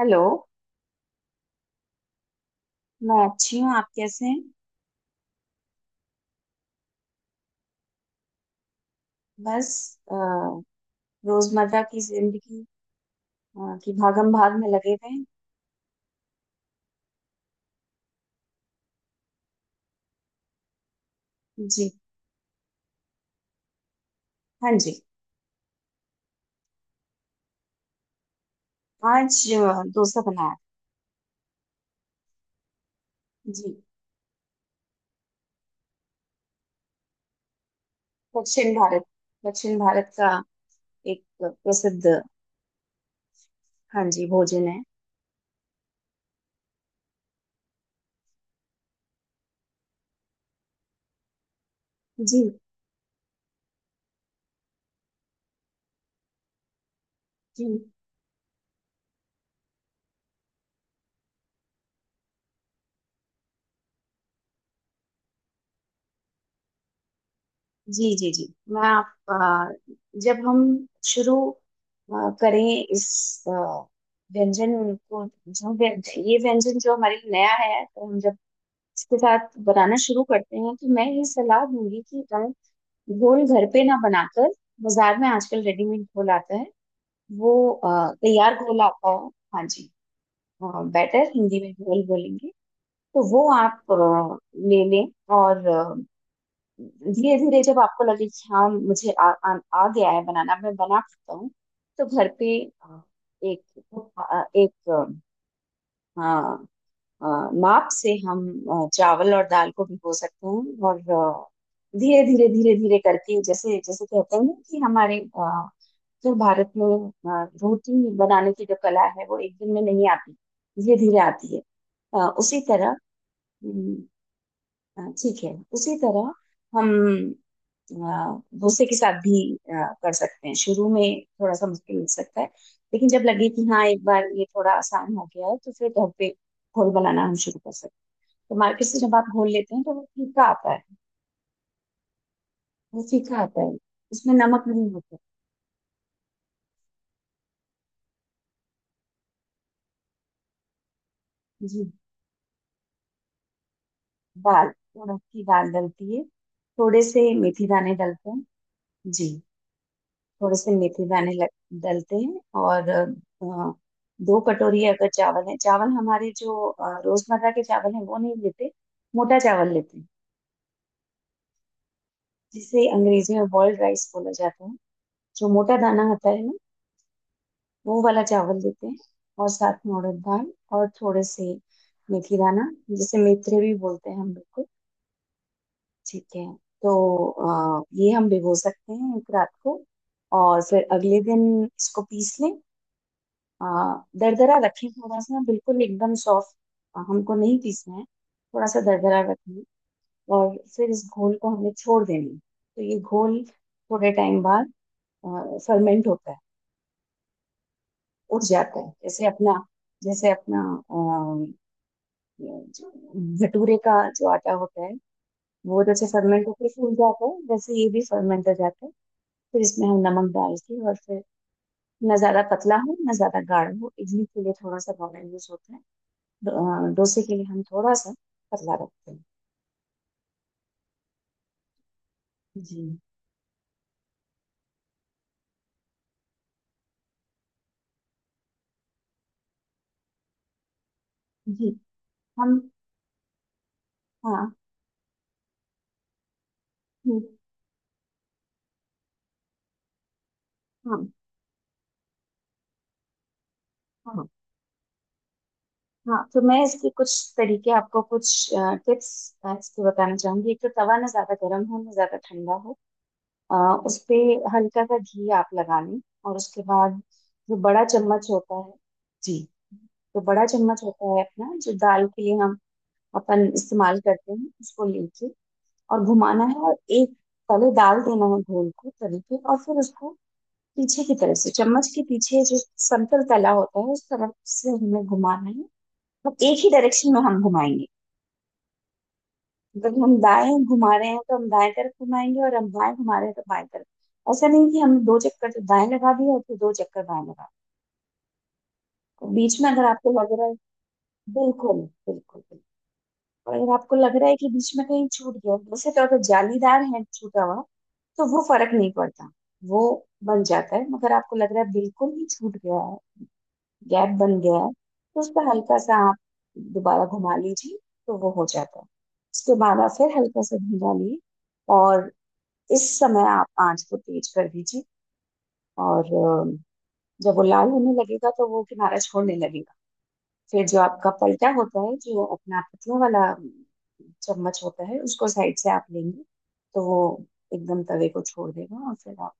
Hello. मैं अच्छी हूँ। आप कैसे हैं? बस, अ, रोजमर्रा की जिंदगी की भागम भाग में लगे हुए। हैं जी। हाँ जी। आज डोसा बनाया। जी। दक्षिण भारत दक्षिण भारत का एक प्रसिद्ध, हाँ जी, भोजन है। जी जी जी। जी जी। जब हम शुरू करें इस व्यंजन को, जो व्यंजन ये व्यंजन जो हमारे लिए नया है, तो हम जब इसके साथ बनाना शुरू करते हैं तो मैं ये सलाह दूंगी कि आप घोल घर पे ना बनाकर, बाजार में आजकल रेडीमेड घोल आता है, वो तैयार घोल आता है। हाँ जी। बेटर हिंदी में घोल बोलेंगे। तो वो आप ले लें। और धीरे धीरे जब आपको लगे कि हाँ, मुझे आ गया है बनाना, मैं बना सकता हूँ, तो घर पे अ, एक एक अ, अ, माप से हम चावल और दाल को भिगो सकते हैं। और धीरे धीरे धीरे धीरे करके, जैसे जैसे कहते हैं ना, कि हमारे, जो भारत में रोटी बनाने की जो कला है, वो एक दिन में नहीं आती, धीरे धीरे आती है। उसी तरह, हम्म, ठीक है, उसी तरह हम डोसे के साथ भी कर सकते हैं। शुरू में थोड़ा सा मुश्किल लग सकता है, लेकिन जब लगे कि हाँ, एक बार ये थोड़ा आसान हो गया है, तो फिर घर पे घोल बनाना हम शुरू कर सकते हैं। तो मार्केट से जब आप घोल लेते हैं तो वो फीका आता है। वो फीका आता है, उसमें नमक नहीं होता। जी। दाल, उड़द की दाल डलती है। थोड़े से मेथी दाने डलते हैं। जी। थोड़े से मेथी दाने डलते हैं। और दो कटोरी अगर चावल है, चावल हमारे जो रोजमर्रा के चावल हैं वो नहीं लेते, मोटा चावल लेते हैं, जिसे अंग्रेजी में बॉइल्ड राइस बोला जाता है। जो मोटा दाना होता है ना, वो वाला चावल देते हैं। और साथ में उड़द दाल, और थोड़े से मेथी दाना, जिसे मेथरे भी बोलते हैं हम लोग को। ठीक है। तो ये हम भिगो सकते हैं एक रात को, और फिर अगले दिन इसको पीस लें। अ, दरदरा रखें थोड़ा सा, बिल्कुल एकदम सॉफ्ट हमको नहीं पीसना है, थोड़ा सा दरदरा रखें। और फिर इस घोल को हमें छोड़ देना है। तो ये घोल थोड़े टाइम बाद फर्मेंट होता है, उठ जाता है। जैसे अपना, ये जो भटूरे का जो आटा होता है, वो जैसे फर्मेंट होकर फूल जाता है, वैसे ये भी फर्मेंट हो जाता है। फिर इसमें हम नमक डाल के, और फिर ना ज्यादा पतला हो ना ज्यादा गाढ़ा हो। इडली के लिए थोड़ा सा गाढ़ा यूज होता है, डो- डोसे के लिए हम थोड़ा सा पतला रखते हैं। जी। जी। हम। हाँ। हम्म, हाँ हाँ हाँ। तो मैं इसके कुछ तरीके, आपको कुछ टिप्स इसके बताना चाहूंगी। एक तो, तवा ना ज्यादा गर्म हो ना ज्यादा ठंडा हो। उस पे हल्का सा घी आप लगा लें, और उसके बाद जो बड़ा चम्मच होता है, जी, तो बड़ा चम्मच होता है अपना, जो दाल के लिए हम अपन इस्तेमाल करते हैं, उसको लेके और घुमाना है। और एक तले डाल देना है घोल को तवे पे, और फिर उसको पीछे की तरफ से, चम्मच के पीछे जो समतल तला होता है उस तरफ से हमें घुमाना है। तो एक ही डायरेक्शन में हम घुमाएंगे। जब हम दाएं घुमा रहे हैं तो हम दाएं तरफ घुमाएंगे, और हम बाएं घुमा रहे हैं तो बाएं तरफ। ऐसा नहीं कि हमने दो चक्कर तो दाएं लगा दिया और फिर दो चक्कर बाएं लगा दिए। तो बीच में अगर आपको लग रहा है, बिल्कुल, बिल्कुल बिल्कुल। और अगर आपको लग रहा है कि बीच में कहीं छूट गया, वैसे तो अगर जालीदार है छूटा हुआ तो वो फर्क नहीं पड़ता, वो बन जाता है। मगर आपको लग रहा है बिल्कुल ही छूट गया है, गैप बन गया है, तो उस पर हल्का सा आप दोबारा घुमा लीजिए, तो वो हो जाता है। उसके बाद आप फिर हल्का सा घुमा लिए, और इस समय आप आंच को तेज कर दीजिए। और जब वो लाल होने लगेगा तो वो किनारा छोड़ने लगेगा। फिर जो आपका पलटा होता है, जो अपना पतलों वाला चम्मच होता है, उसको साइड से आप लेंगे तो वो एकदम तवे को छोड़ देगा, और फिर आप,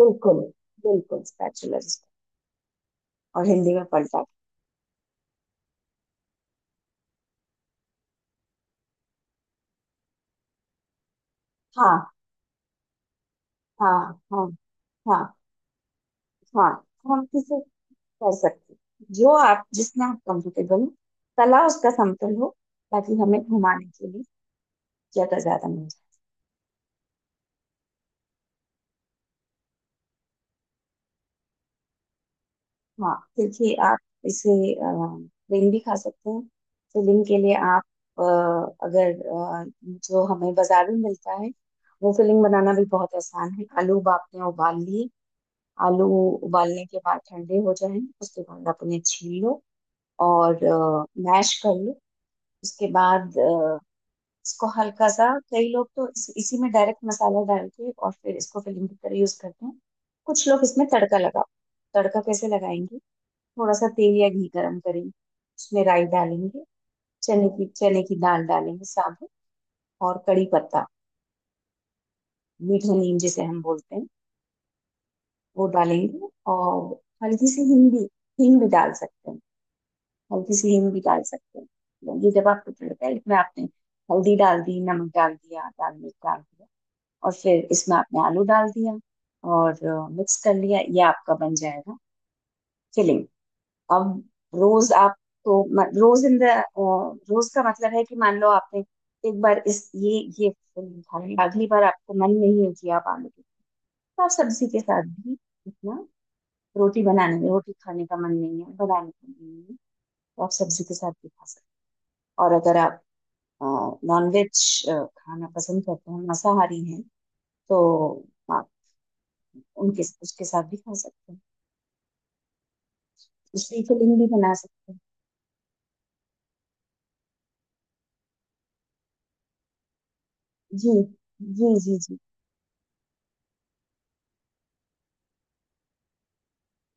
बिल्कुल, बिल्कुल स्पैचुला जिसको, और हिंदी में पलटा। हाँ हाँ हाँ हाँ हाँ। हम किसे कर सकते हैं। जो आप, जिसमें आप कंफर्टेबल हो, तला उसका समतल हो, ताकि हमें घुमाने के लिए ज्यादा ज्यादा मिले। हाँ, देखिए, आप इसे प्लेन भी खा सकते हैं। फिलिंग के लिए, आप अ, अगर, जो हमें बाजार में मिलता है, वो फिलिंग बनाना भी बहुत आसान है। आलू आपने उबाल लिए। आलू उबालने के बाद ठंडे हो जाएं, उसके बाद आप उन्हें छील लो, और मैश कर लो। उसके बाद इसको हल्का सा, कई लोग तो इसी में डायरेक्ट मसाला डाल के और फिर इसको फिलिंग की तरह यूज करते हैं। कुछ लोग इसमें तड़का कैसे लगाएंगे? थोड़ा सा तेल या घी गरम करेंगे, उसमें राई डालेंगे, चने की दाल डालेंगे साबुत, और कड़ी पत्ता, मीठा नीम जिसे हम बोलते हैं, वो डालेंगे। और हल्की सी हींग भी, हींग भी डाल सकते हैं, हल्की सी हींग भी डाल सकते हैं। तो ये जब आपको तड़का है, इसमें आपने हल्दी डाल दी, नमक डाल दिया, लाल मिर्च डाल दिया, और फिर इसमें आपने आलू डाल दिया और मिक्स कर लिया, ये आपका बन जाएगा फिलिंग। अब रोज आप तो, म- रोज इन द रोज का मतलब है कि, मान लो आपने एक बार इस ये फल खाया, अगली बार आपको मन नहीं है कि आप आलू की, तो आप सब्जी के साथ भी, इतना रोटी बनाने में, रोटी खाने का मन नहीं है, बनाने का मन नहीं है, तो आप सब्जी के साथ भी खा सकते हैं। और अगर आप नॉनवेज खाना पसंद करते हैं, मांसाहारी हैं, तो आप उनके उसके साथ भी खा सकते हैं, उसकी फिलिंग भी बना सकते हैं। जी जी जी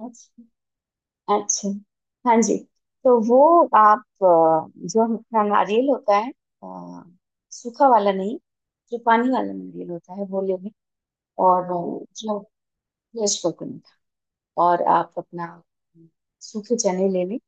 जी। अच्छा, हाँ जी। तो वो आप, जो हमारा नारियल होता है, अ, सूखा वाला नहीं, जो पानी वाला नारियल होता है वो लेंगे। और, जो फ्रेश कोकोनट, और आप अपना सूखे चने ले लें,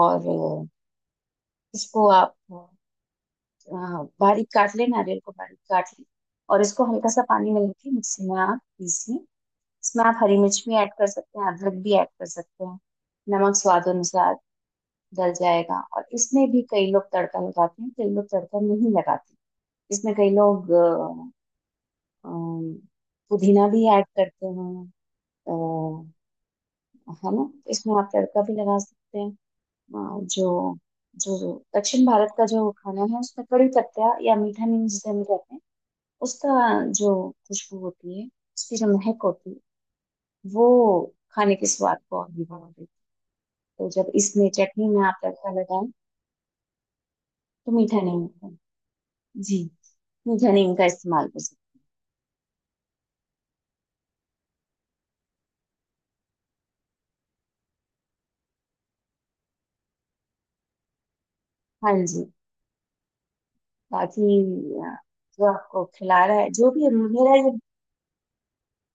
और इसको आप बारीक काट लें, नारियल को बारीक काट लें, और इसको हल्का सा पानी में लेके मिक्सी में आप पीस लें। इसमें आप हरी मिर्च भी ऐड कर सकते हैं, अदरक भी ऐड कर सकते हैं, नमक स्वाद अनुसार, गल जाएगा। और इसमें भी कई लोग तड़का लगाते हैं, कई लोग तड़का नहीं लगाते। इसमें कई लोग अम, पुदीना भी ऐड करते हैं। अ, है ना, इसमें आप तड़का भी लगा सकते हैं। जो जो दक्षिण भारत का जो खाना है, उसमें कड़ी पत्ता या मीठा नीम जिसे हम कहते हैं, उसका जो खुशबू होती है, उसकी जो महक होती है, वो खाने के स्वाद को और भी बढ़ा देती है। तो जब इसमें चटनी में आप तड़का लगाएं, तो मीठा नहीं होता। जी, जनीन का इस्तेमाल कर सकते हैं। हाँ जी। बाकी अ, जो आपको खिला रहा है जो भी है, मेरा ये,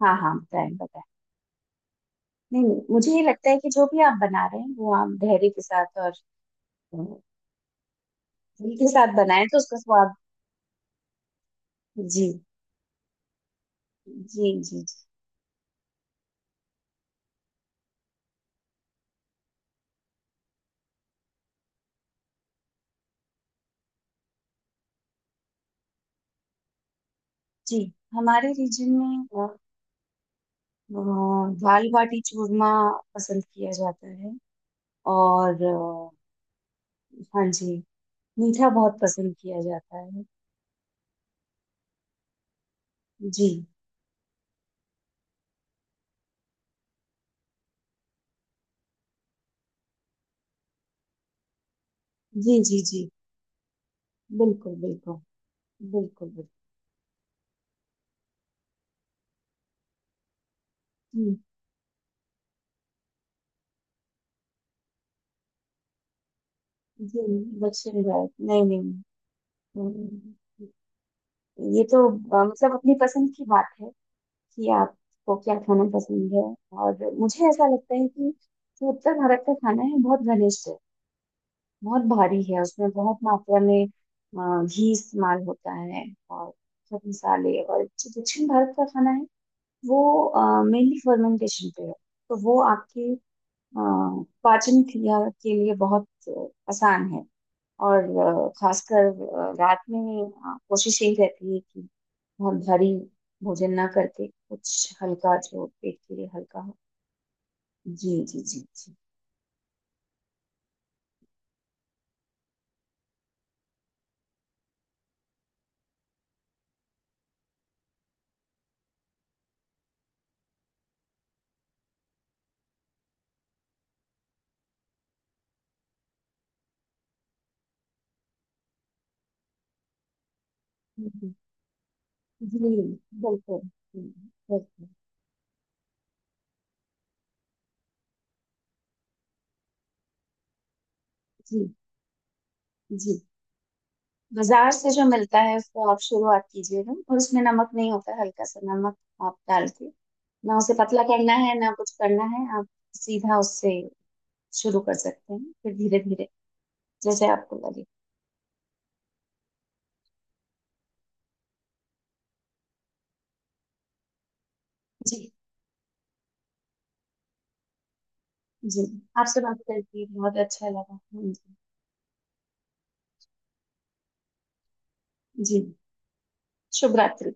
हाँ हाँ, बताएं बताएं, नहीं नहीं, मुझे ये लगता है कि जो भी आप बना रहे हैं, वो आप धैर्य के साथ और अ, दिल के साथ बनाएं तो उसका स्वाद, जी जी जी जी। जी, हमारे रीजन में अ, दाल बाटी चूरमा पसंद किया जाता है, और हाँ जी, मीठा बहुत पसंद किया जाता है। जी जी जी जी। बिल्कुल बिल्कुल बिल्कुल बिल्कुल। हम्म, जी जी, दक्षिण भारत, नहीं नहीं। हम्म, ये तो मतलब अपनी पसंद की बात है, कि आपको क्या खाना पसंद है। और मुझे ऐसा लगता है कि जो उत्तर भारत का खाना है, बहुत घनिष्ठ है, बहुत भारी है, उसमें बहुत मात्रा में घी इस्तेमाल होता है और सब मसाले। और जो दक्षिण भारत का खाना है, वो मेनली फर्मेंटेशन पे है, तो वो आपके अ, पाचन क्रिया के लिए बहुत आसान है। और खासकर रात में कोशिश यही रहती है कि बहुत भारी भोजन ना करके कुछ हल्का, जो पेट के लिए हल्का हो। जी जी जी जी। हम्म, जी, बिल्कुल। बिल्कुल। जी जी। बाजार से जो मिलता है उसको आप शुरुआत कीजिएगा, और उसमें नमक नहीं होता है, हल्का सा नमक आप डाल के, ना उसे पतला करना है ना कुछ करना है, आप सीधा उससे शुरू कर सकते हैं। फिर धीरे धीरे, जैसे आपको लगे। जी जी। आपसे बात करके बहुत अच्छा लगा। हाँ जी। जी। शुभ रात्रि।